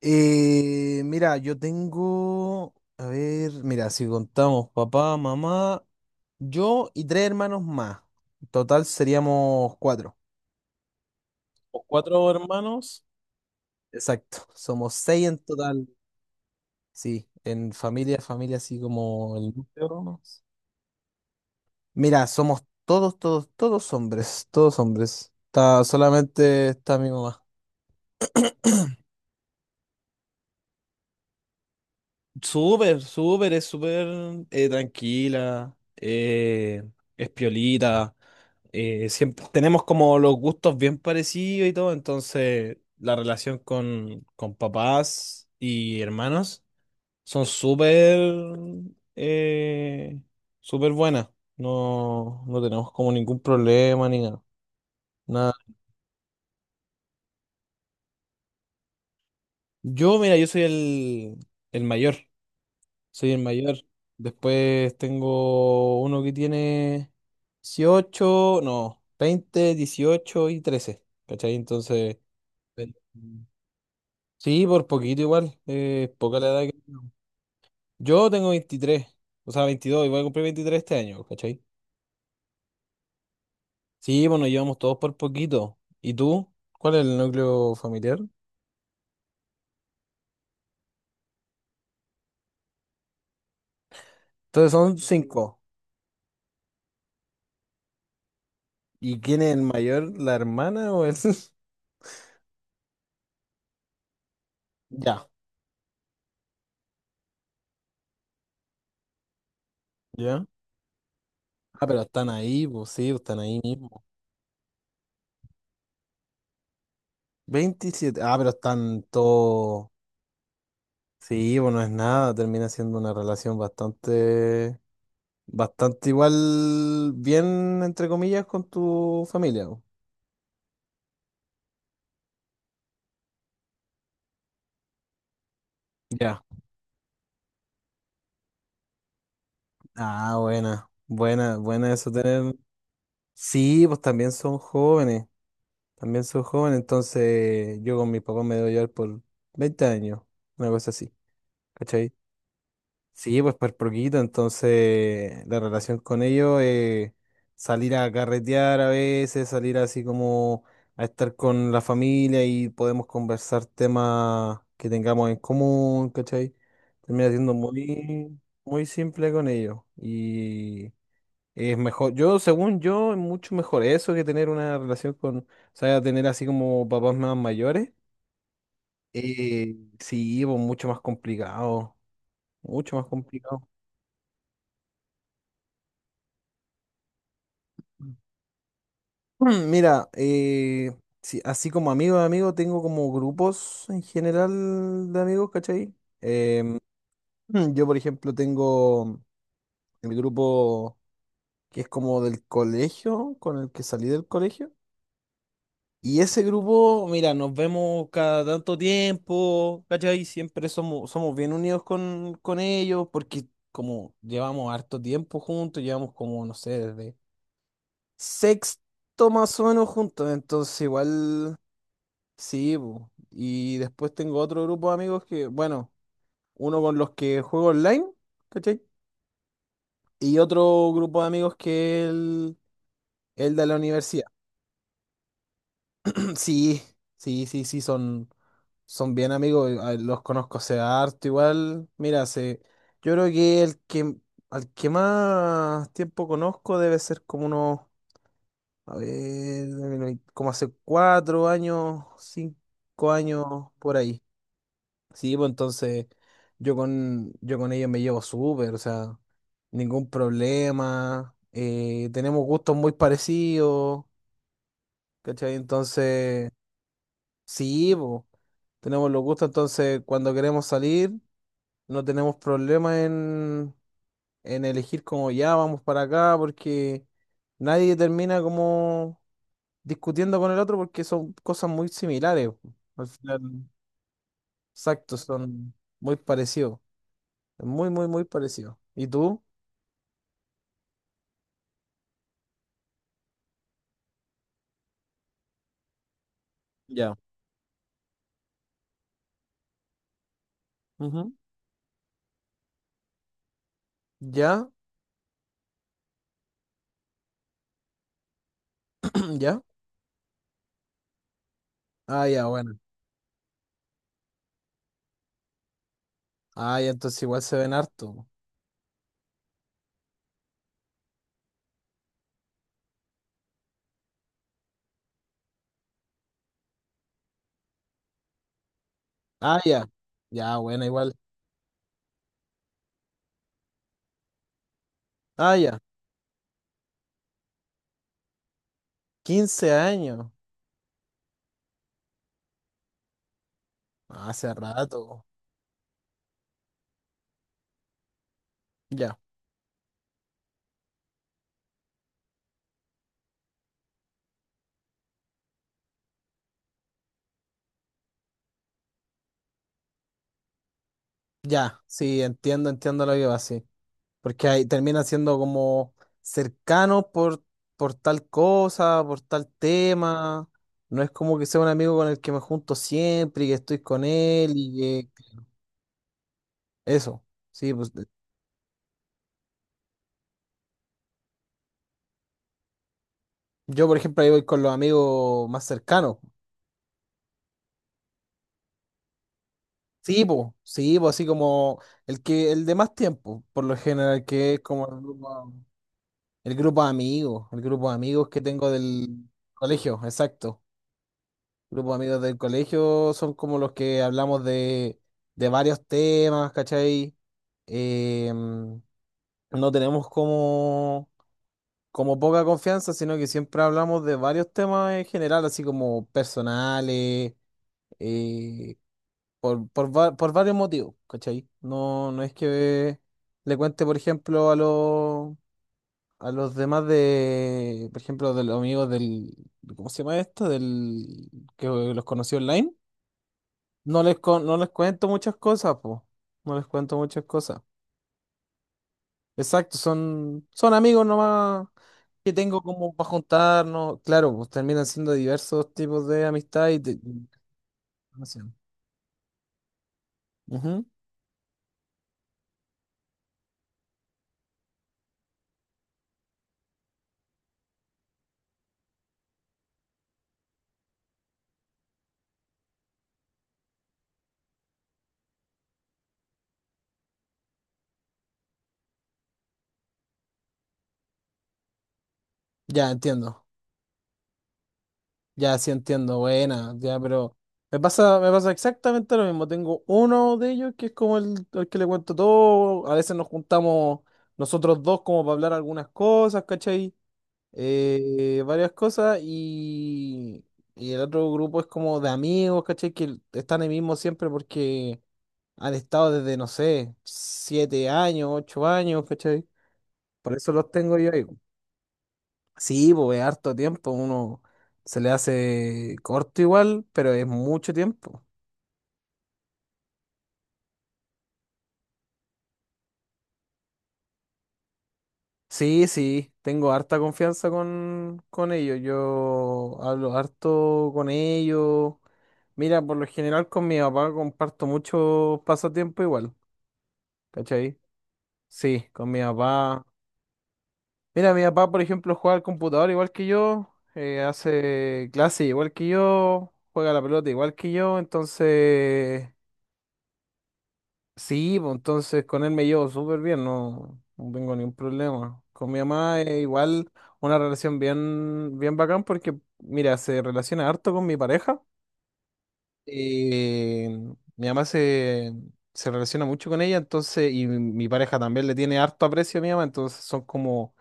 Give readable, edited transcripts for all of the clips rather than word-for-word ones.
Mira, yo tengo, a ver, mira, si contamos papá, mamá, yo y tres hermanos más. En total seríamos cuatro. Los cuatro hermanos. Exacto, somos seis en total. Sí, en familia, familia así como el núcleo, ¿no? Mira, somos todos, todos, todos hombres, todos hombres. Solamente está mi mamá. Súper, súper, es súper, tranquila, es piolita. Siempre tenemos como los gustos bien parecidos y todo, entonces la relación con papás y hermanos son súper, eh, súper buenas. No, no tenemos como ningún problema ni nada. Nada. Yo, mira, yo soy el mayor, soy el mayor. Después tengo uno que tiene 18 no, 20, 18 y 13, ¿cachai? Entonces... Sí, por poquito igual. Poca la edad que... Yo tengo 23, o sea, 22 y voy a cumplir 23 este año, ¿cachai? Sí, bueno, llevamos todos por poquito. ¿Y tú? ¿Cuál es el núcleo familiar? Entonces son cinco. ¿Y quién es el mayor? ¿La hermana o el...? Ya. ¿Ya? Ah, pero están ahí, pues sí, pues, están ahí mismo. 27. Ah, pero están todos... Sí, bueno, no es nada. Termina siendo una relación bastante... Bastante igual, bien, entre comillas, con tu familia. Ya. Ah, buena, buena, buena eso tener. Sí, pues también son jóvenes, entonces yo con mi papá me debo llevar por 20 años, una cosa así, ¿cachai? Sí, pues por poquito, entonces la relación con ellos es salir a carretear a veces, salir así como a estar con la familia y podemos conversar temas que tengamos en común, ¿cachai? Termina siendo muy, muy simple con ellos y... Es mejor, yo, según yo, es mucho mejor eso que tener una relación o sea, tener así como papás más mayores. Eh, sí, pues mucho más complicado, mucho más complicado. Mira, sí, así como amigo de amigo, tengo como grupos en general de amigos, ¿cachai? Em, yo, por ejemplo, tengo el grupo que es como del colegio, con el que salí del colegio. Y ese grupo, mira, nos vemos cada tanto tiempo, ¿cachai? Siempre somos bien unidos con ellos, porque como llevamos harto tiempo juntos, llevamos como, no sé, desde sexto más o menos juntos, entonces igual, sí, po. Y después tengo otro grupo de amigos que, bueno, uno con los que juego online, ¿cachai? Y otro grupo de amigos que es el de la universidad. Sí, sí, sí, sí, son bien amigos, los conozco hace harto igual. Mira, yo creo que el que al que más tiempo conozco debe ser como unos, a ver, como hace 4 años, 5 años por ahí. Sí, pues entonces yo con ellos me llevo súper, o sea, ningún problema, tenemos gustos muy parecidos, ¿cachai? Entonces... Sí, po. Tenemos los gustos, entonces cuando queremos salir no tenemos problema en elegir como ya vamos para acá, porque nadie termina como discutiendo con el otro porque son cosas muy similares, po. Al final, exacto, son muy parecidos. Muy, muy, muy parecidos. ¿Y tú? Ya. Ujú. ¿Ya? ¿Ya? Ah, ya, bueno. Ah, ya, entonces igual se ven harto, po. Ah, ya. Ya, bueno, igual. Ah, ya. 15 años. Ah, hace rato. Ya, ya, sí, entiendo, entiendo lo que va así. Porque ahí termina siendo como cercano por tal cosa, por tal tema. No es como que sea un amigo con el que me junto siempre y que estoy con él y que... Eso, sí, pues, yo por ejemplo ahí voy con los amigos más cercanos. Sí, pues así como el de más tiempo, por lo general, que es como el grupo de amigos que tengo del colegio, exacto. Grupos de amigos del colegio son como los que hablamos de varios temas, ¿cachai? Em, no tenemos como poca confianza, sino que siempre hablamos de varios temas en general, así como personales, eh, por varios motivos, ¿cachai? No, no es que le cuente, por ejemplo, a los demás de, por ejemplo, de los amigos del, ¿cómo se llama esto? Del que los conocí online. No les cuento muchas cosas, po. No les cuento muchas cosas. Exacto, son amigos nomás que tengo como para juntarnos. Claro, pues terminan siendo diversos tipos de amistad y relación. Ujú. Ya entiendo. Ya sí entiendo. Buena, ya, pero me pasa exactamente lo mismo. Tengo uno de ellos que es como el que le cuento todo. A veces nos juntamos nosotros dos como para hablar algunas cosas, ¿cachai? Varias cosas y el otro grupo es como de amigos, ¿cachai? Que están ahí mismo siempre porque han estado desde, no sé, 7 años, 8 años, ¿cachai? Por eso los tengo yo ahí. Sí, pues es harto tiempo, uno se le hace corto igual, pero es mucho tiempo. Sí, sí, tengo harta confianza con ellos. Yo hablo harto con ellos. Mira, por lo general con mi papá comparto mucho pasatiempo igual, ¿cachai? Sí, con mi papá. Mira, mi papá, por ejemplo, juega al computador igual que yo, hace clase igual que yo, juega a la pelota igual que yo, entonces Sí, pues entonces con él me llevo súper bien, no, no tengo ningún problema. Con mi mamá es igual una relación bien, bien bacán porque, mira, se relaciona harto con mi pareja. Y mi mamá se relaciona mucho con ella, entonces, y mi pareja también le tiene harto aprecio a mi mamá, entonces son como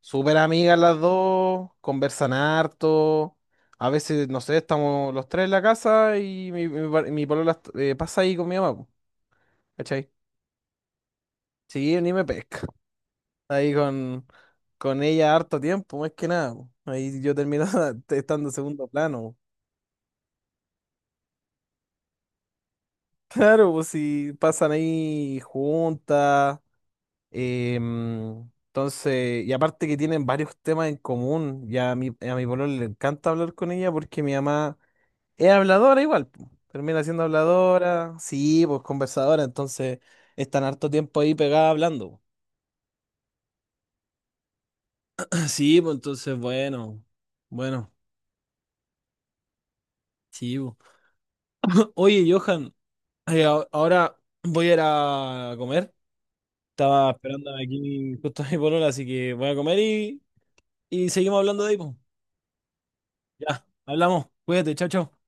súper amigas las dos, conversan harto. A veces, no sé, estamos los tres en la casa y mi mi polola pasa ahí con mi mamá, po, ¿cachai? Sí, ni me pesca. Ahí con ella harto tiempo, más que nada, po. Ahí yo terminaba estando en segundo plano, po. Claro, pues si pasan ahí juntas. Entonces, y aparte que tienen varios temas en común. Y a mi pololo le encanta hablar con ella porque mi mamá es habladora igual, po. Termina siendo habladora, sí, pues conversadora. Entonces, están harto tiempo ahí pegada hablando, po. Sí, pues entonces, bueno, bueno, sí, pues. Oye, Johan. Ay, ahora voy a ir a comer. Estaba esperando aquí justo a mi polola, así que voy a comer y seguimos hablando de ahí, po. Ya, hablamos. Cuídate, chao, chao.